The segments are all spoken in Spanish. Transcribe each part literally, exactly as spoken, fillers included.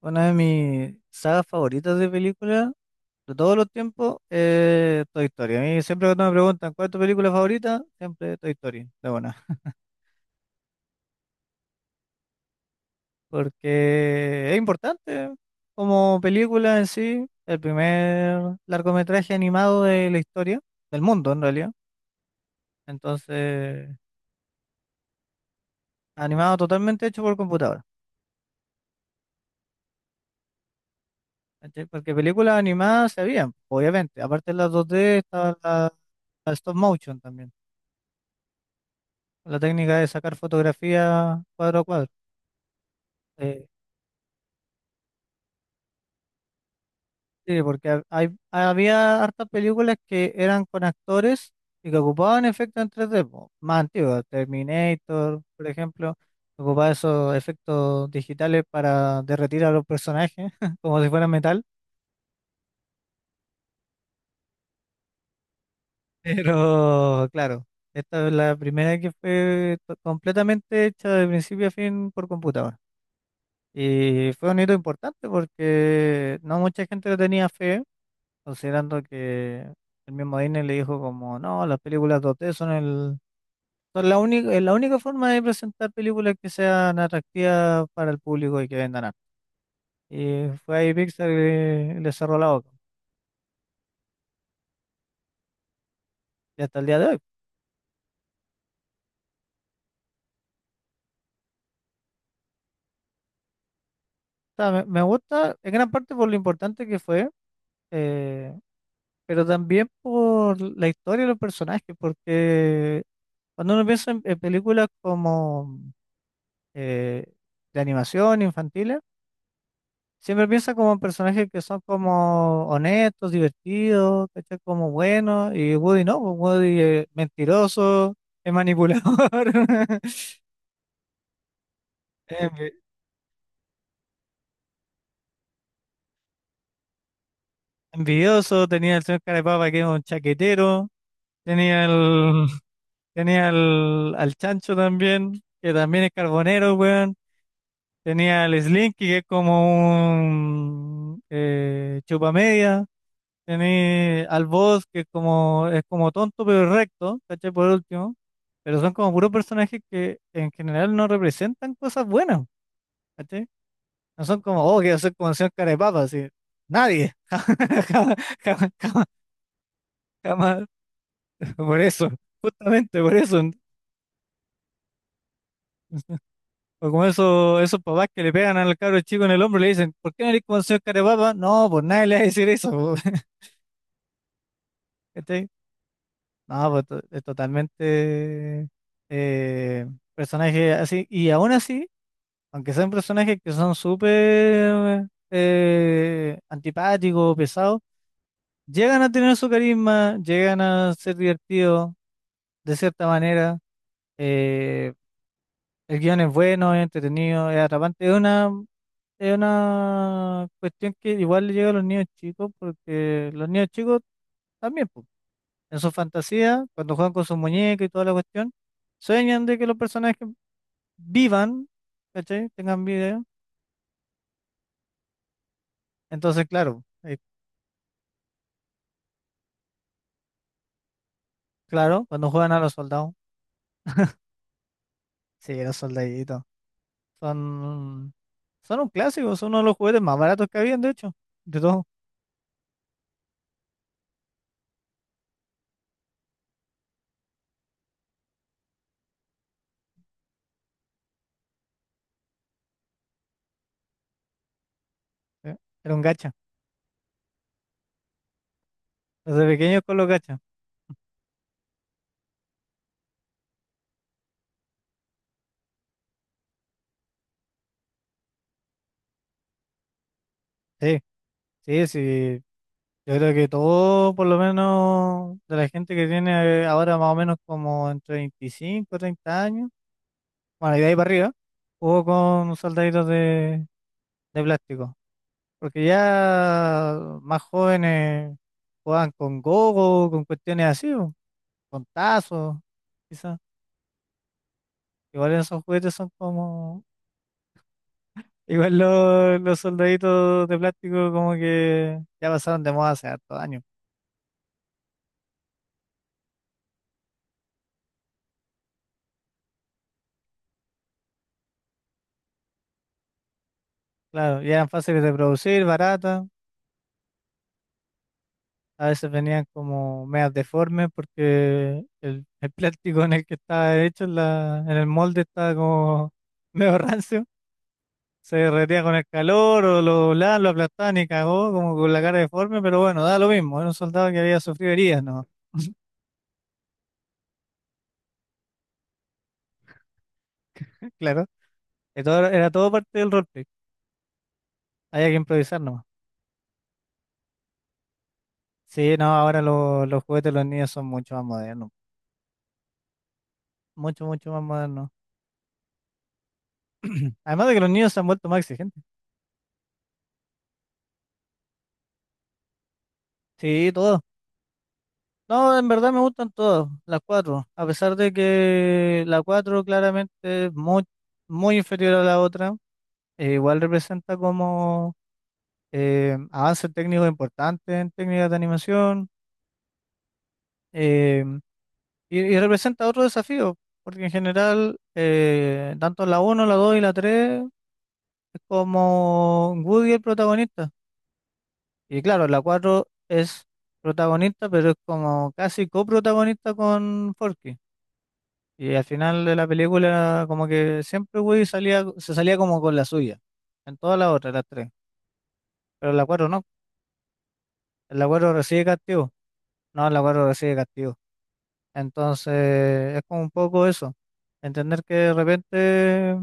Una de mis sagas favoritas de películas de todos los tiempos es Toy Story. A mí siempre cuando me preguntan cuál es tu película favorita, siempre Toy Story, de buena. Porque es importante como película en sí, el primer largometraje animado de la historia, del mundo en realidad. Entonces, animado totalmente hecho por computadora. ¿Cachai? Porque películas animadas se habían, obviamente. Aparte de las dos D, estaba la, la stop motion también. La técnica de sacar fotografía cuadro a cuadro. Eh, sí, porque ha- hay, había hartas películas que eran con actores y que ocupaban efectos en tres d po, más antiguos, Terminator, por ejemplo, ocupaba esos efectos digitales para derretir a los personajes como si fueran metal, pero claro, esta es la primera que fue to- completamente hecha de principio a fin por computadora. Y fue un hito importante porque no mucha gente le tenía fe considerando que el mismo Disney le dijo como, no, las películas dos D son el, son la única, es la única forma de presentar películas que sean atractivas para el público y que vendan arte. Y fue ahí Pixar y le, le cerró la boca. Y hasta el día de hoy. O sea, me, me gusta en gran parte por lo importante que fue, eh, pero también por la historia de los personajes, porque cuando uno piensa en, en películas como eh, de animación infantiles, siempre piensa como en personajes que son como honestos, divertidos, ¿cachai? Como buenos, y Woody no, pues Woody es mentiroso, es manipulador. es envi- Envidioso, tenía el señor Carapapa que es un chaquetero, tenía el, tenía el, al Chancho también, que también es carbonero, weón, tenía al Slinky que es como un eh, chupamedia. Tenéis al boss que es como, es como tonto pero recto, ¿cachai? Por último. Pero son como puros personajes que en general no representan cosas buenas, ¿cachai? No son como, oh, quiero ser como el señor cara de papa, así. Nadie. Jamás, jamás, jamás, jamás. Por eso, justamente por eso. O como esos, esos papás que le pegan al cabro chico en el hombro y le dicen, ¿por qué no eres como el señor cara de papa? No, pues nadie le va a decir eso. Po. ¿Cachai? No, pues to- es totalmente eh, personaje así. Y aún así, aunque sean personajes que son súper eh, antipáticos, pesados, llegan a tener su carisma, llegan a ser divertidos de cierta manera. eh, el guión es bueno, es entretenido, es atrapante. Es una, es una cuestión que igual le llega a los niños chicos, porque los niños chicos también. Pues, en su fantasía, cuando juegan con sus muñecas y toda la cuestión, sueñan de que los personajes vivan, ¿cachai? Tengan vida. Entonces, claro, eh, claro, cuando juegan a los soldados, sí, los soldaditos, son, son un clásico, son uno de los juguetes más baratos que habían, de hecho, de todo. ¿Sí? Era un gacha, desde pequeños con los gachas. Sí, sí, sí. Yo creo que todo, por lo menos, de la gente que tiene ahora más o menos como entre veinticinco treinta años, bueno, y de ahí para arriba, jugó con soldaditos de, de plástico. Porque ya más jóvenes jugaban con gogo, con cuestiones así, po, con tazos, quizás. Igual esos juguetes son como. Igual los, los soldaditos de plástico, como que ya pasaron de moda hace hartos años. Claro, y eran fáciles de producir, baratas. A veces venían como medias deformes porque el, el plástico en el que estaba hecho, en la, en el molde estaba como medio rancio. Se derretía con el calor o lo doblaban, lo aplastaban y cagó como con la cara deforme, pero bueno, da lo mismo. Era un soldado que había sufrido heridas, ¿no? Claro. Que todo Era era todo parte del roleplay. Había que improvisar nomás. Sí, no, ahora lo- los juguetes de los niños son mucho más modernos. Mucho, mucho más modernos. Además de que los niños se han vuelto más exigentes. Sí, todo. No, en verdad me gustan todas, las cuatro, a pesar de que la cuatro claramente es muy, muy inferior a la otra, eh, igual representa como eh, avances técnicos importantes en técnicas de animación, eh, y, y representa otro desafío, porque en general eh, tanto la uno, la dos y la tres es como Woody el protagonista. Y claro, la cuatro es protagonista, pero es como casi coprotagonista con Forky. Y al final de la película, como que siempre Woody salía, se salía como con la suya. En todas las otras, las tres. Pero en la cuatro no. En la cuatro recibe castigo. No, en la cuatro recibe castigo. Entonces, es como un poco eso. Entender que de repente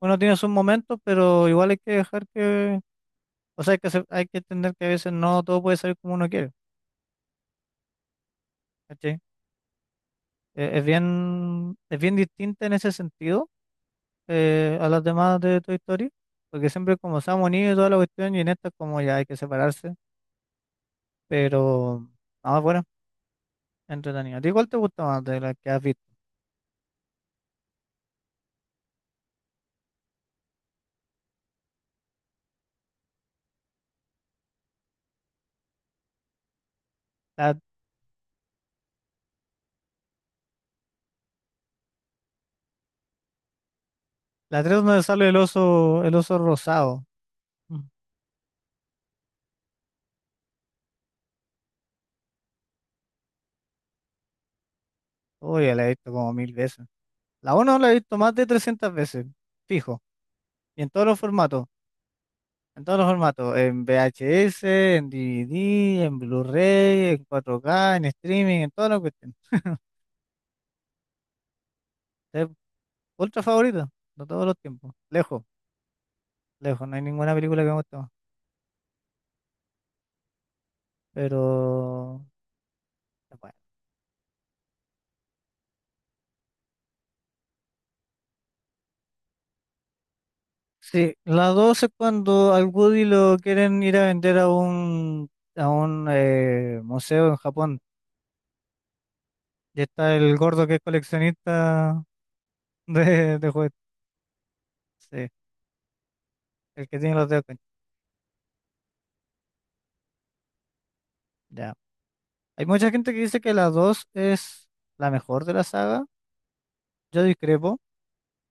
uno tiene sus momentos, pero igual hay que dejar que. O sea, hay que, acep- hay que entender que a veces no todo puede salir como uno quiere. ¿Cachai? Eh, Es bien, es bien distinta en ese sentido, eh, a las demás de Toy Story, porque siempre es como se han unido y toda la cuestión, y en esta es como ya hay que separarse, pero nada, bueno, entretenido. ¿A ti cuál te gusta más de las que has visto? La, la tres donde sale el oso, el oso rosado. Ujú. Uy, ya la he visto como mil veces. La uno la he visto más de trescientas veces, fijo, y en todos los formatos. En todos los formatos, en V H S, en D V D, en Blu-ray, en cuatro K, en streaming, en todas las cuestiones. Es ultra favorita de todos los tiempos, lejos. Lejos, no hay ninguna película que me guste más, pero es buena. Sí, la dos es cuando al Woody lo quieren ir a vender a un, a un eh, museo en Japón. Y está el gordo que es coleccionista de, de juguetes. Sí, el que tiene los dedos. con- Ya. Hay mucha gente que dice que la dos es la mejor de la saga. Yo discrepo.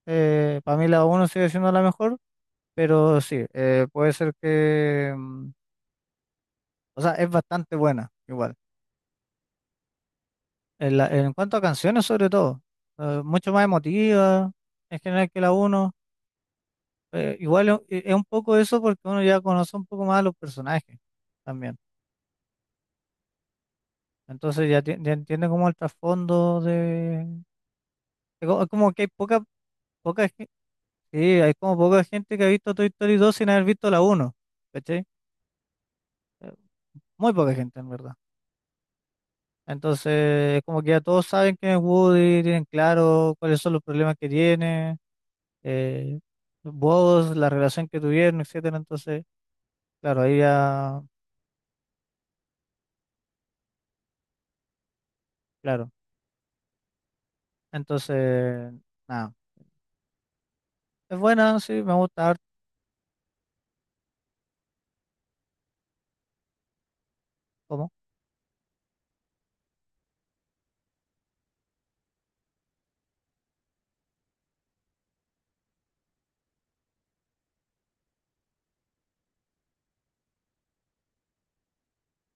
Eh, para mí la uno sigue siendo la mejor. Pero sí, eh, puede ser que... mm, o sea, es bastante buena, igual. En, la- en cuanto a canciones, sobre todo, eh, mucho más emotiva en general que la uno. Eh, igual es, e, es un poco eso porque uno ya conoce un poco más a los personajes también. Entonces ya, ti- ya entiende como el trasfondo de... Es co- es como que hay poca, poca, gen- sí, hay como poca gente que ha visto Toy Story dos sin haber visto la uno. ¿Cachai? Eh, Muy poca gente, en verdad. Entonces, como que ya todos saben quién es Woody, tienen claro cuáles son los problemas que tiene. eh, Vos, la relación que tuvieron, etcétera. Entonces, claro, ahí ya, claro. Entonces, nada. Es buena, sí, me gusta harto, como,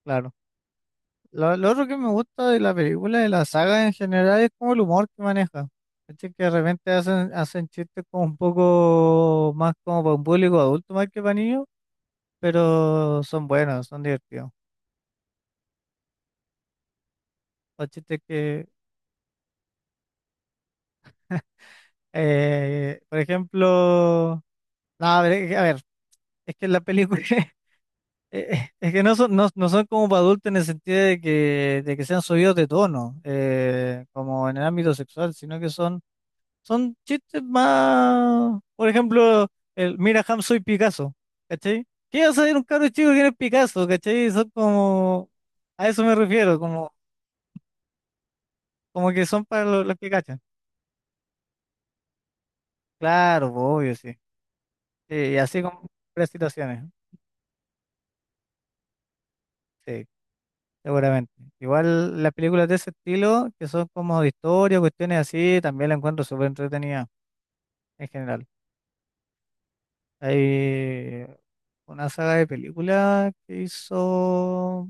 claro. Lo, lo otro que me gusta de la película, de la saga en general, es como el humor que maneja. ¿Cachai? Que de repente hacen, hacen chistes como un poco más como para un público adulto más que para niños, pero son buenos, son divertidos. Los chistes que, eh, por ejemplo, no, a ver, a ver, es que en la película Eh, eh, es que no son, no, no son como para adultos en el sentido de que, de que sean subidos de tono, eh, como en el ámbito sexual, sino que son, son chistes más, por ejemplo, el mira Ham soy Picasso, ¿cachai? ¿Qué vas a ver un cabro chico que no es Picasso, ¿cachai? Son como, a eso me refiero, como, como que son para los, los que cachan. Claro, pues, obvio, sí. Sí, y así con las situaciones, sí. Seguramente. Igual las películas de ese estilo, que son como de historia, cuestiones así, también la encuentro súper entretenida en general. Hay una saga de películas que hizo,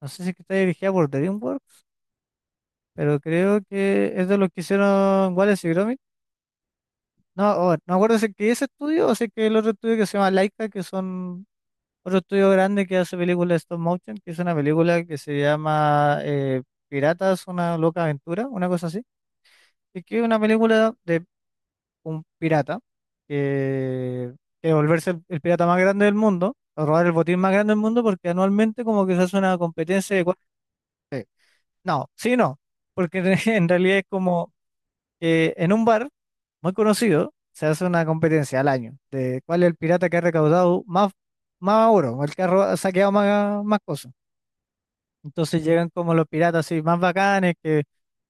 no sé si es que está dirigida por DreamWorks, pero creo que es de los que hicieron Wallace y Gromit. No, oh, no me acuerdo si es que ese estudio o si es que el otro estudio que se llama Laika, que son otro estudio grande que hace películas de stop motion, que es una película que se llama eh, Piratas, una loca aventura, una cosa así. Es que es una película de un pirata que que volverse el, el pirata más grande del mundo, o robar el botín más grande del mundo, porque anualmente como que se hace una competencia de... cua- No, sí, no, porque en realidad es como que en un bar muy conocido se hace una competencia al año de cuál es el pirata que ha recaudado más, más oro, o el que ha roba- saqueado más, más cosas. Entonces llegan como los piratas así más bacanes que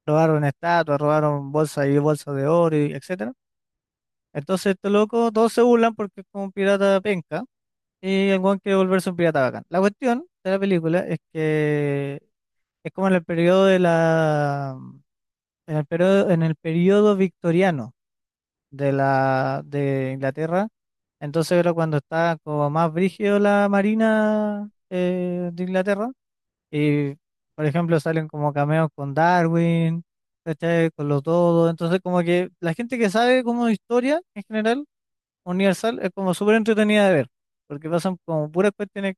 robaron estatuas, robaron bolsas y bolsas de oro, y etcétera. Entonces este loco, todos se burlan porque es como un pirata penca y el weón quiere volverse un pirata bacán. La cuestión de la película es que es como en el periodo de la en el periodo, en el periodo victoriano de la de Inglaterra. Entonces era cuando estaba como más brígido la marina eh, de Inglaterra. Y por ejemplo salen como cameos con Darwin, ¿cachai? Con los todos. Entonces como que la gente que sabe como de historia en general Universal es como súper entretenida de ver, porque pasan como puras cuestiones,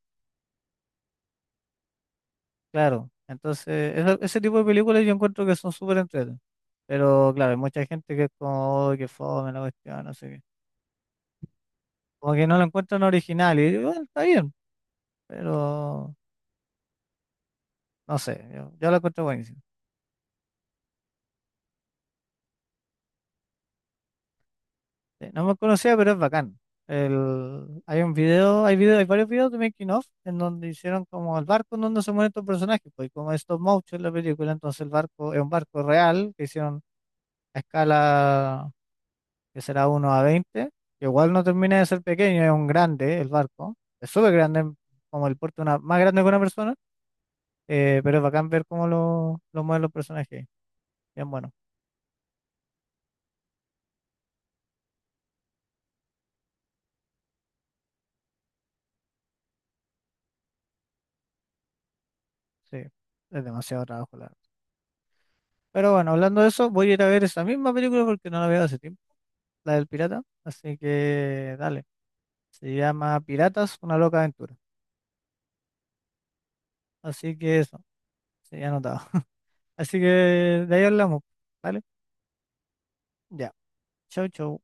claro. Entonces, esa- ese tipo de películas yo encuentro que son súper entretenidas. Pero claro, hay mucha gente que es como, "Uy, qué fome la cuestión, no sé qué". Como que no la encuentran original, y yo, "Bueno, está bien, pero no sé, yo, yo la encuentro buenísima". Sí, no me conocía, pero es bacán. El, hay un video, hay video, hay varios videos de Making of en donde hicieron como el barco en donde se mueren estos personajes, pues y como es stop motion la película, entonces el barco es un barco real que hicieron a escala que será uno a veinte, que igual no termina de ser pequeño, es un grande el barco, es súper grande, como el porte de una, más grande que una persona, eh, pero es bacán ver cómo lo, lo mueven los personajes. Bien bueno, sí, es demasiado trabajo, la verdad. Pero bueno, hablando de eso, voy a ir a ver esa misma película porque no la veo hace tiempo, la del pirata, así que dale, se llama Piratas, una loca aventura, así que eso, sí, anotado. Así que de ahí hablamos, ¿vale? Ya, chau, chau.